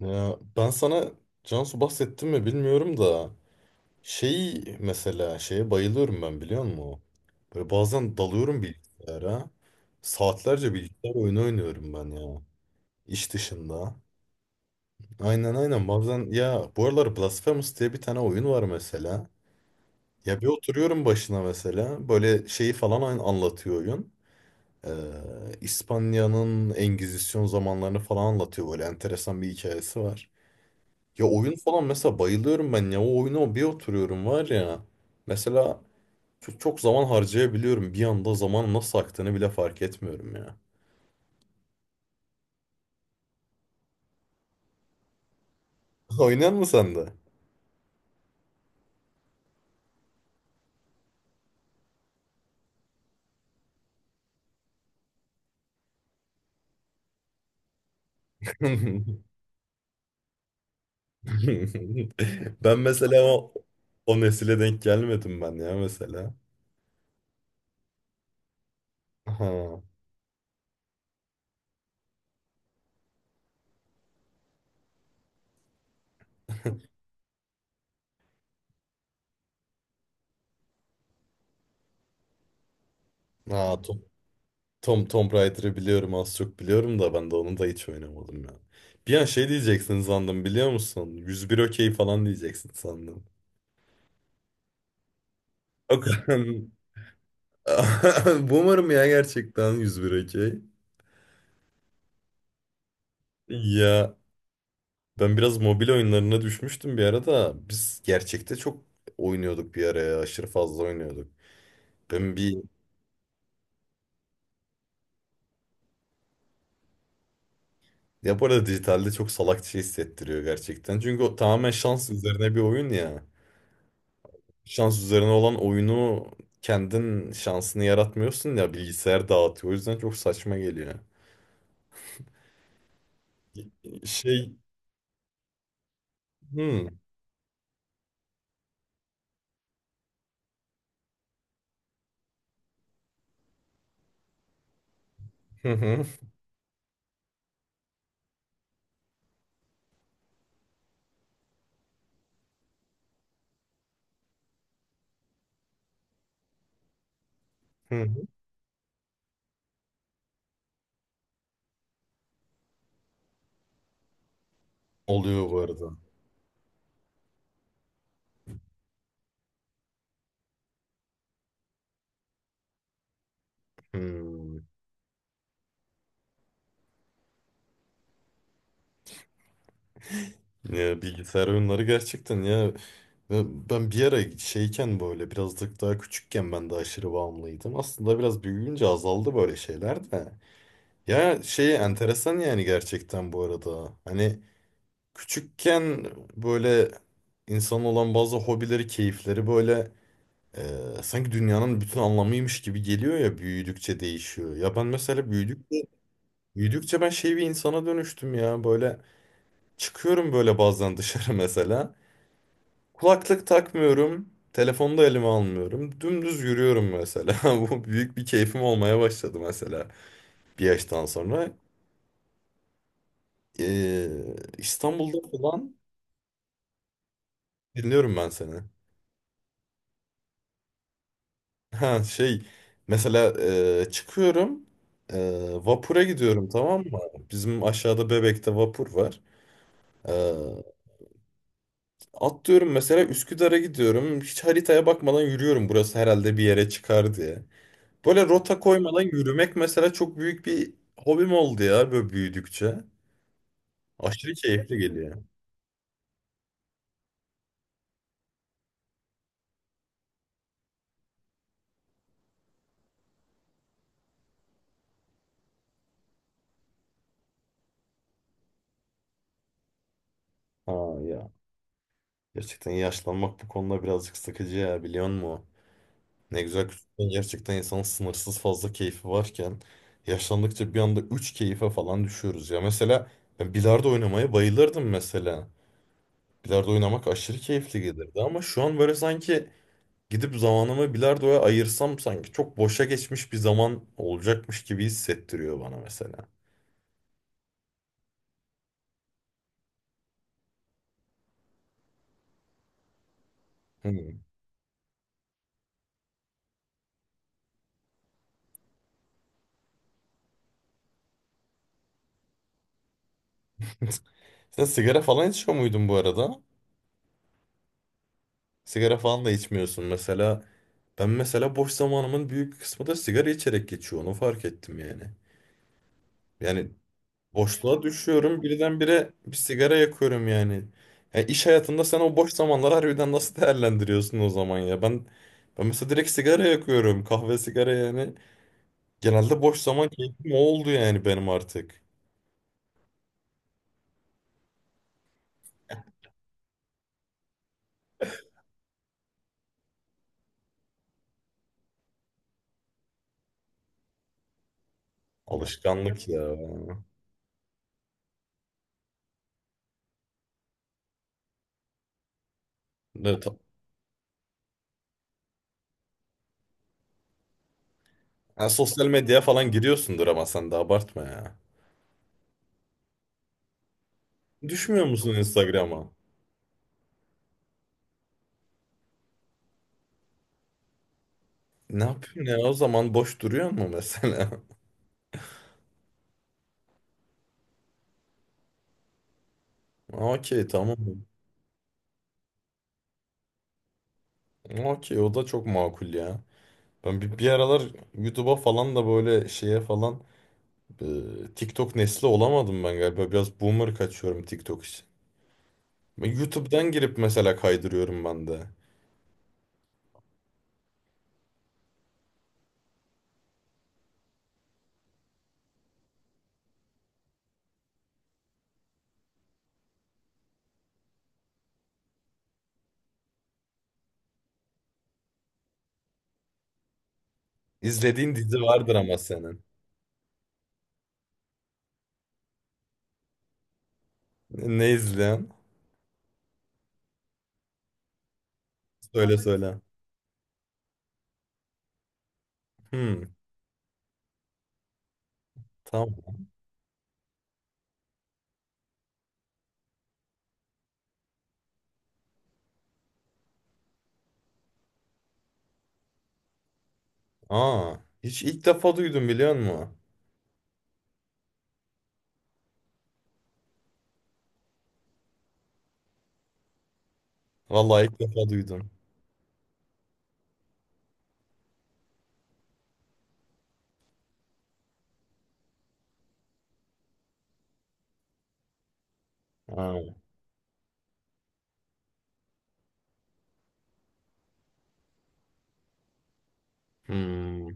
Ya ben sana Cansu bahsettim mi bilmiyorum da şey mesela şeye bayılıyorum ben, biliyor musun? Böyle bazen dalıyorum bilgisayara. Saatlerce bilgisayar oyunu oynuyorum ben ya. İş dışında. Aynen, aynen, bazen ya bu aralar Blasphemous diye bir tane oyun var mesela. Ya bir oturuyorum başına mesela. Böyle şeyi falan anlatıyor oyun. İspanya'nın Engizisyon zamanlarını falan anlatıyor. Böyle enteresan bir hikayesi var. Ya oyun falan mesela bayılıyorum ben ya. O oyuna bir oturuyorum var ya. Mesela çok, çok zaman harcayabiliyorum. Bir anda zaman nasıl aktığını bile fark etmiyorum ya. Oynayan mı sen de? Ben mesela o nesile denk gelmedim ben ya mesela. Ha, ha Tomb Raider'ı biliyorum, az çok biliyorum da ben de onu da hiç oynamadım ya. Bir an şey diyeceksin sandım, biliyor musun? Yüz bir okey falan diyeceksin sandım. O kadar. Boomer'ım ya gerçekten, 101 okey. Ya ben biraz mobil oyunlarına düşmüştüm bir ara da biz gerçekte çok oynuyorduk bir ara ya, aşırı fazla oynuyorduk. Ben bir Ya bu arada dijitalde çok salakça hissettiriyor gerçekten. Çünkü o tamamen şans üzerine bir oyun ya. Şans üzerine olan oyunu kendin şansını yaratmıyorsun ya, bilgisayar dağıtıyor. O yüzden çok saçma geliyor. Şey, hmm. Oluyor bu arada. Hmm. Ya bilgisayar oyunları gerçekten ya, ben bir ara şeyken, böyle birazcık daha küçükken ben de aşırı bağımlıydım. Aslında biraz büyüyünce azaldı böyle şeyler de. Ya şey enteresan yani gerçekten bu arada. Hani küçükken böyle insan olan bazı hobileri, keyifleri böyle e, sanki dünyanın bütün anlamıymış gibi geliyor ya, büyüdükçe değişiyor. Ya ben mesela büyüdükçe ben şey bir insana dönüştüm ya, böyle çıkıyorum böyle bazen dışarı mesela. Kulaklık takmıyorum. Telefonu da elime almıyorum. Dümdüz yürüyorum mesela. Bu büyük bir keyfim olmaya başladı mesela, bir yaştan sonra. Ee, İstanbul'da falan dinliyorum ben seni. Ha şey, mesela çıkıyorum, e, vapura gidiyorum, tamam mı? Bizim aşağıda Bebek'te vapur var. Ee, atlıyorum mesela, Üsküdar'a gidiyorum. Hiç haritaya bakmadan yürüyorum. Burası herhalde bir yere çıkar diye. Böyle rota koymadan yürümek mesela çok büyük bir hobim oldu ya, böyle büyüdükçe. Aşırı keyifli geliyor. Ha ya. Gerçekten yaşlanmak bu konuda birazcık sıkıcı ya, biliyor musun? Ne güzel küçükken, gerçekten insanın sınırsız fazla keyfi varken yaşlandıkça bir anda 3 keyfe falan düşüyoruz ya. Mesela ben bilardo oynamaya bayılırdım mesela. Bilardo oynamak aşırı keyifli gelirdi ama şu an böyle sanki gidip zamanımı bilardoya ayırsam sanki çok boşa geçmiş bir zaman olacakmış gibi hissettiriyor bana mesela. Hmm. Sen sigara falan içiyor muydun bu arada? Sigara falan da içmiyorsun mesela. Ben mesela boş zamanımın büyük kısmı da sigara içerek geçiyor. Onu fark ettim yani. Yani boşluğa düşüyorum birdenbire, bir sigara yakıyorum yani. Ya iş hayatında sen o boş zamanları harbiden nasıl değerlendiriyorsun o zaman ya? Ben mesela direkt sigara yakıyorum. Kahve, sigara yani. Genelde boş zaman keyfim o oldu yani benim artık. Alışkanlık ya. Ne, ha, sosyal medyaya falan giriyorsundur ama sen de abartma ya. Düşmüyor musun Instagram'a? Ne yapayım ya, o zaman boş duruyor mu mesela? Okey, tamam. Okey, o da çok makul ya. Ben bir aralar YouTube'a falan da böyle şeye falan, TikTok nesli olamadım ben galiba. Biraz boomer kaçıyorum TikTok için. Ben YouTube'dan girip mesela kaydırıyorum ben de. İzlediğin dizi vardır ama senin. Ne, ne Söyle, söyle. Hmm, tamam. Aa, hiç ilk defa duydum, biliyor musun? Vallahi ilk defa duydum. Aa. Hmm,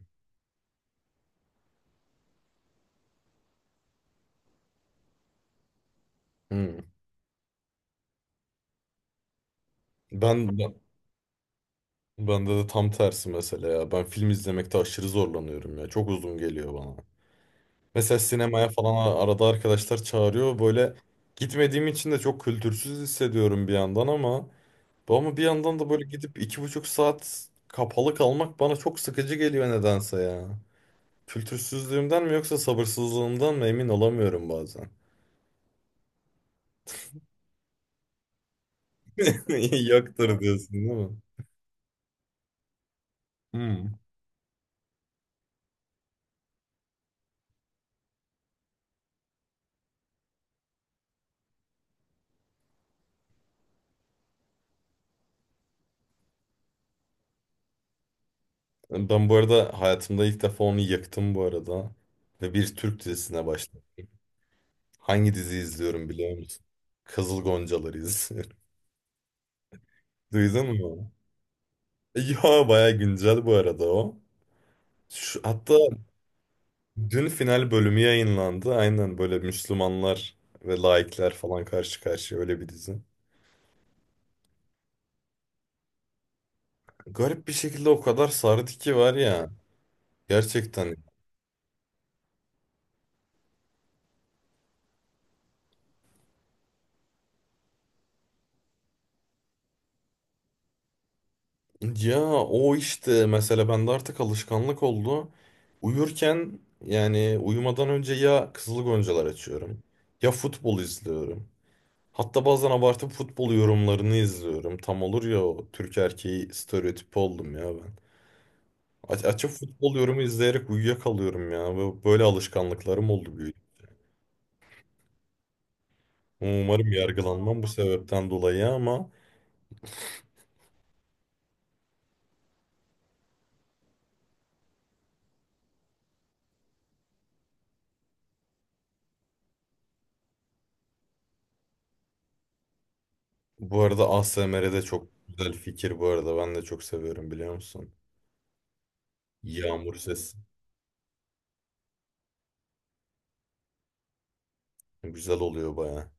hmm. Ben bende de tam tersi mesela ya. Ben film izlemekte aşırı zorlanıyorum ya. Çok uzun geliyor bana. Mesela sinemaya falan arada arkadaşlar çağırıyor. Böyle gitmediğim için de çok kültürsüz hissediyorum bir yandan ama ama bir yandan da böyle gidip iki buçuk saat kapalı kalmak bana çok sıkıcı geliyor nedense ya. Kültürsüzlüğümden mi yoksa sabırsızlığımdan mı emin olamıyorum bazen. Yoktur diyorsun, değil mi? Hmm. Ben bu arada hayatımda ilk defa onu yaktım bu arada. Ve bir Türk dizisine başladım. Hangi dizi izliyorum biliyor musun? Kızıl Goncaları izliyorum. Duydun mu? Ya baya güncel bu arada o. Şu, hatta dün final bölümü yayınlandı. Aynen, böyle Müslümanlar ve laikler falan karşı karşıya, öyle bir dizi. Garip bir şekilde o kadar sardı ki var ya. Gerçekten. Ya o işte mesela bende artık alışkanlık oldu. Uyurken, yani uyumadan önce ya Kızıl Goncalar açıyorum ya futbol izliyorum. Hatta bazen abartıp futbol yorumlarını izliyorum. Tam olur ya o Türk erkeği stereotipi oldum ya ben. Açıp futbol yorumu izleyerek uyuyakalıyorum ya. Böyle alışkanlıklarım oldu büyük. Umarım yargılanmam bu sebepten dolayı ama bu arada ASMR'de çok güzel fikir bu arada. Ben de çok seviyorum, biliyor musun? Yağmur sesi. Güzel oluyor baya.